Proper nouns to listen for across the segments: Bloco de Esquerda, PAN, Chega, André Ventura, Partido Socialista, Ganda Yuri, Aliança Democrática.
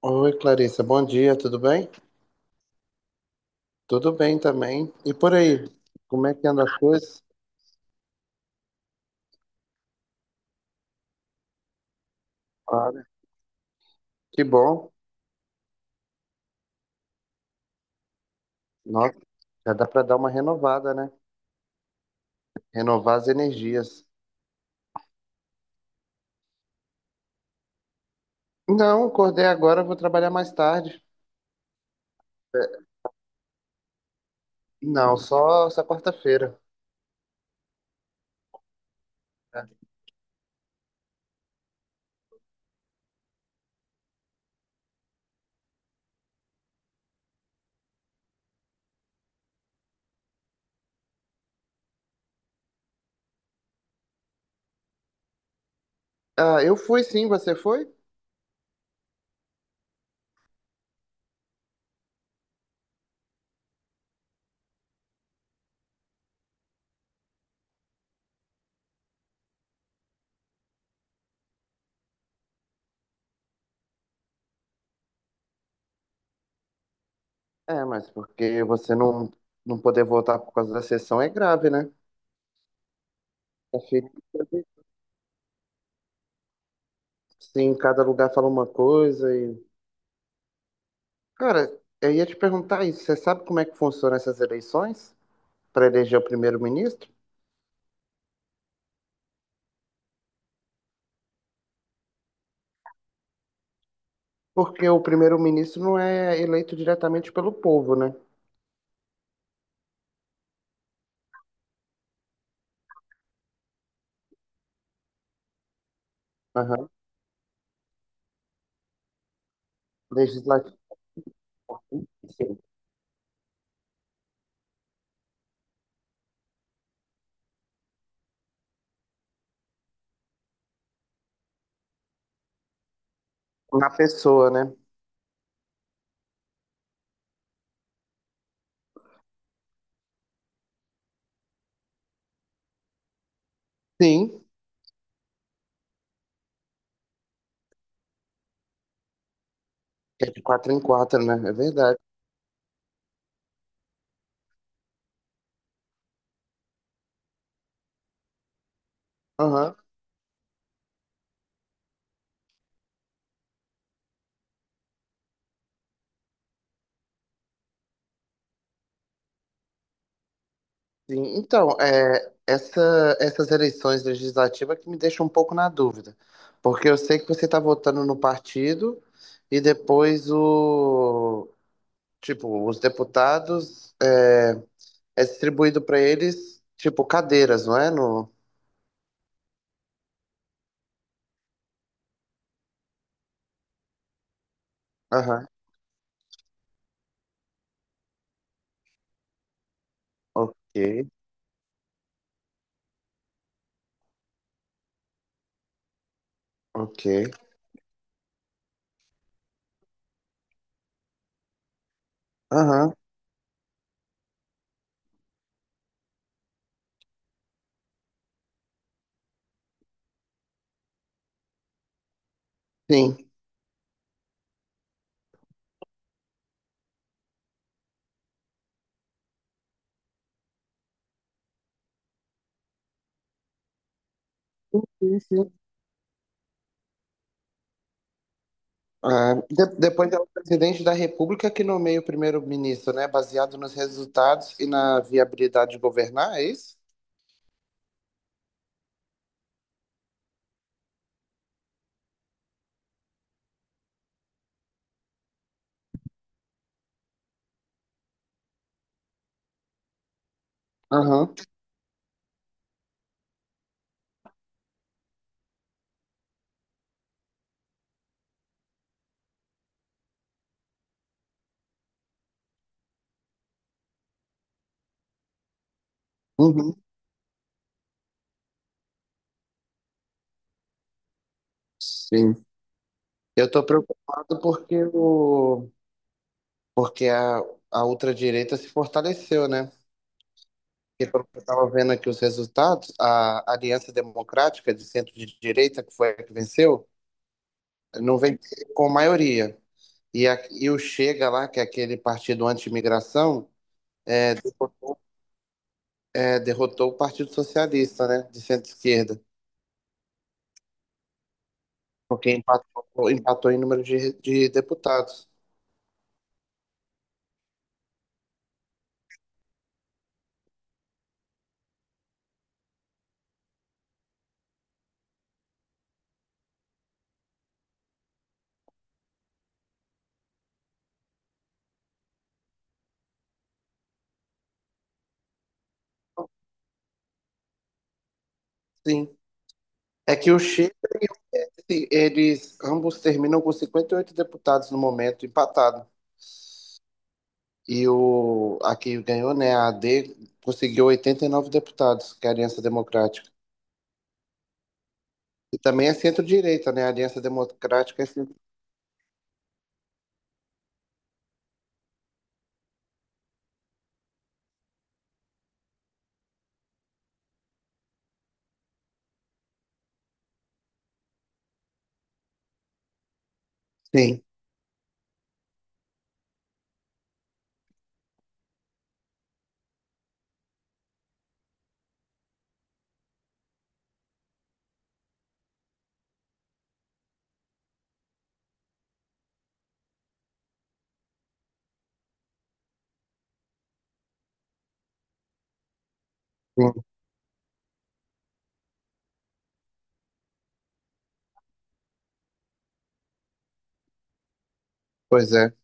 Oi, Clarissa, bom dia, tudo bem? Tudo bem também. E por aí, como é que anda as coisas? Olha, que bom. Nossa, já dá para dar uma renovada, né? Renovar as energias. Não, acordei agora, vou trabalhar mais tarde. É, não, só essa quarta-feira. É. Ah, eu fui sim, você foi? É, mas porque você não, não poder voltar por causa da sessão é grave, né? A filha, sim, cada lugar fala uma coisa. Cara, eu ia te perguntar isso. Você sabe como é que funcionam essas eleições para eleger o primeiro-ministro? Porque o primeiro-ministro não é eleito diretamente pelo povo, né? Aham. Legislativo. Sim. Na pessoa, né? Sim. É de quatro em quatro, né? É verdade. Aham. Sim. Então, é, essas eleições legislativas que me deixam um pouco na dúvida. Porque eu sei que você está votando no partido e depois tipo, os deputados. É, é distribuído pra eles, tipo, cadeiras, não é? No... Aham. Ok, ok. Aham, sim. Sim, sim. Ah, de- depois é o presidente da República que nomeia o primeiro-ministro, né? Baseado nos resultados e na viabilidade de governar, é isso? Aham. Uhum. Sim. Eu tô preocupado porque, porque a, a ultradireita se fortaleceu, né? Porque pelo que eu estava vendo aqui os resultados, a Aliança Democrática de Centro de Direita, que foi a que venceu, não vem com maioria. E, e o Chega lá, que é aquele partido anti-imigração, é, derrotou o Partido Socialista, né, de centro-esquerda, porque empatou em número de deputados. Sim. É que o Chega, e o- eles ambos terminam com 58 deputados no momento, empatado. E a que ganhou, né, a AD, conseguiu 89 deputados, que é a Aliança Democrática. E também é centro-direita, né? A Aliança Democrática é centro... Sim, sim, pois é.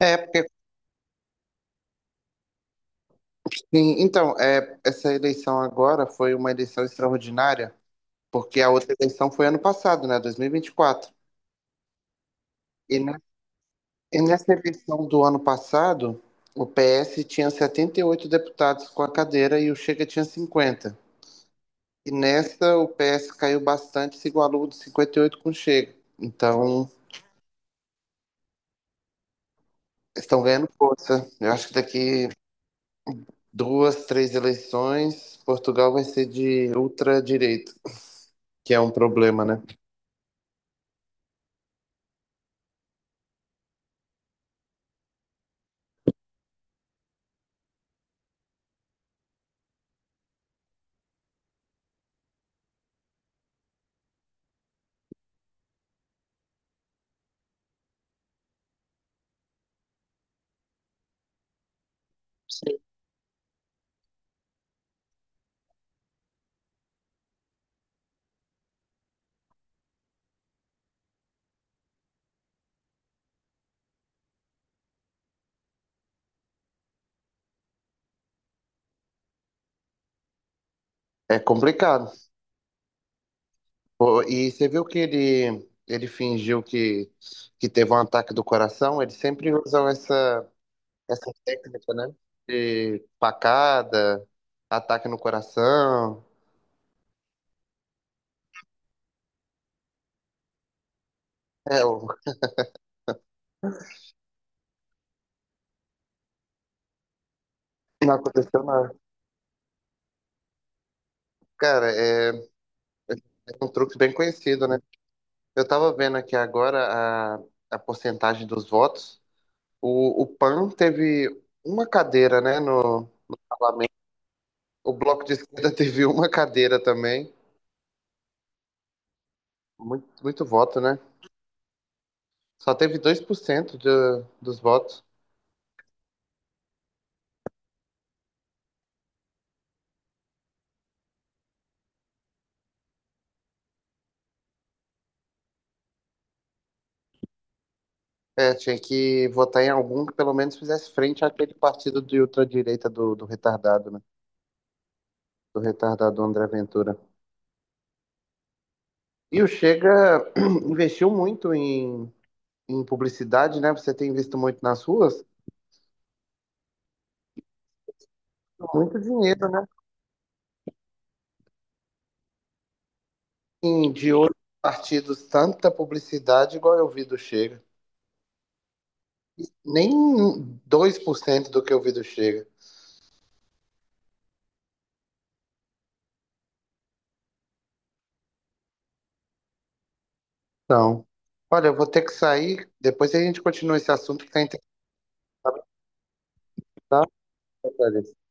É, porque sim, então, é, essa eleição agora foi uma eleição extraordinária, porque a outra eleição foi ano passado, né, 2024. E ne- e nessa eleição do ano passado, o PS tinha 78 deputados com a cadeira e o Chega tinha 50. E nessa, o PS caiu bastante, se igualou de 58 com o Chega. Então, estão ganhando força. Eu acho que daqui duas, três eleições, Portugal vai ser de ultradireita, que é um problema, né? É complicado. Pô, e você viu que ele fingiu que teve um ataque do coração? Eles sempre usam essa, essa técnica, né? De facada, ataque no coração. É, o- não aconteceu nada. Cara, é um truque bem conhecido, né? Eu tava vendo aqui agora a porcentagem dos votos. O PAN teve uma cadeira, né, no Parlamento. O Bloco de Esquerda teve uma cadeira também. Muito, muito voto, né? Só teve 2% dos votos. É, tinha que votar em algum que pelo menos fizesse frente àquele partido de ultradireita do retardado, né? Do retardado André Ventura. E o Chega investiu muito em, em publicidade, né? Você tem visto muito nas ruas. Muito dinheiro, né? Em, de outros partidos, tanta publicidade igual eu vi do Chega. Nem 2% do que eu vi do Chega. Então, olha, eu vou ter que sair. Depois a gente continua esse assunto que tá interessante, tá? Apareceu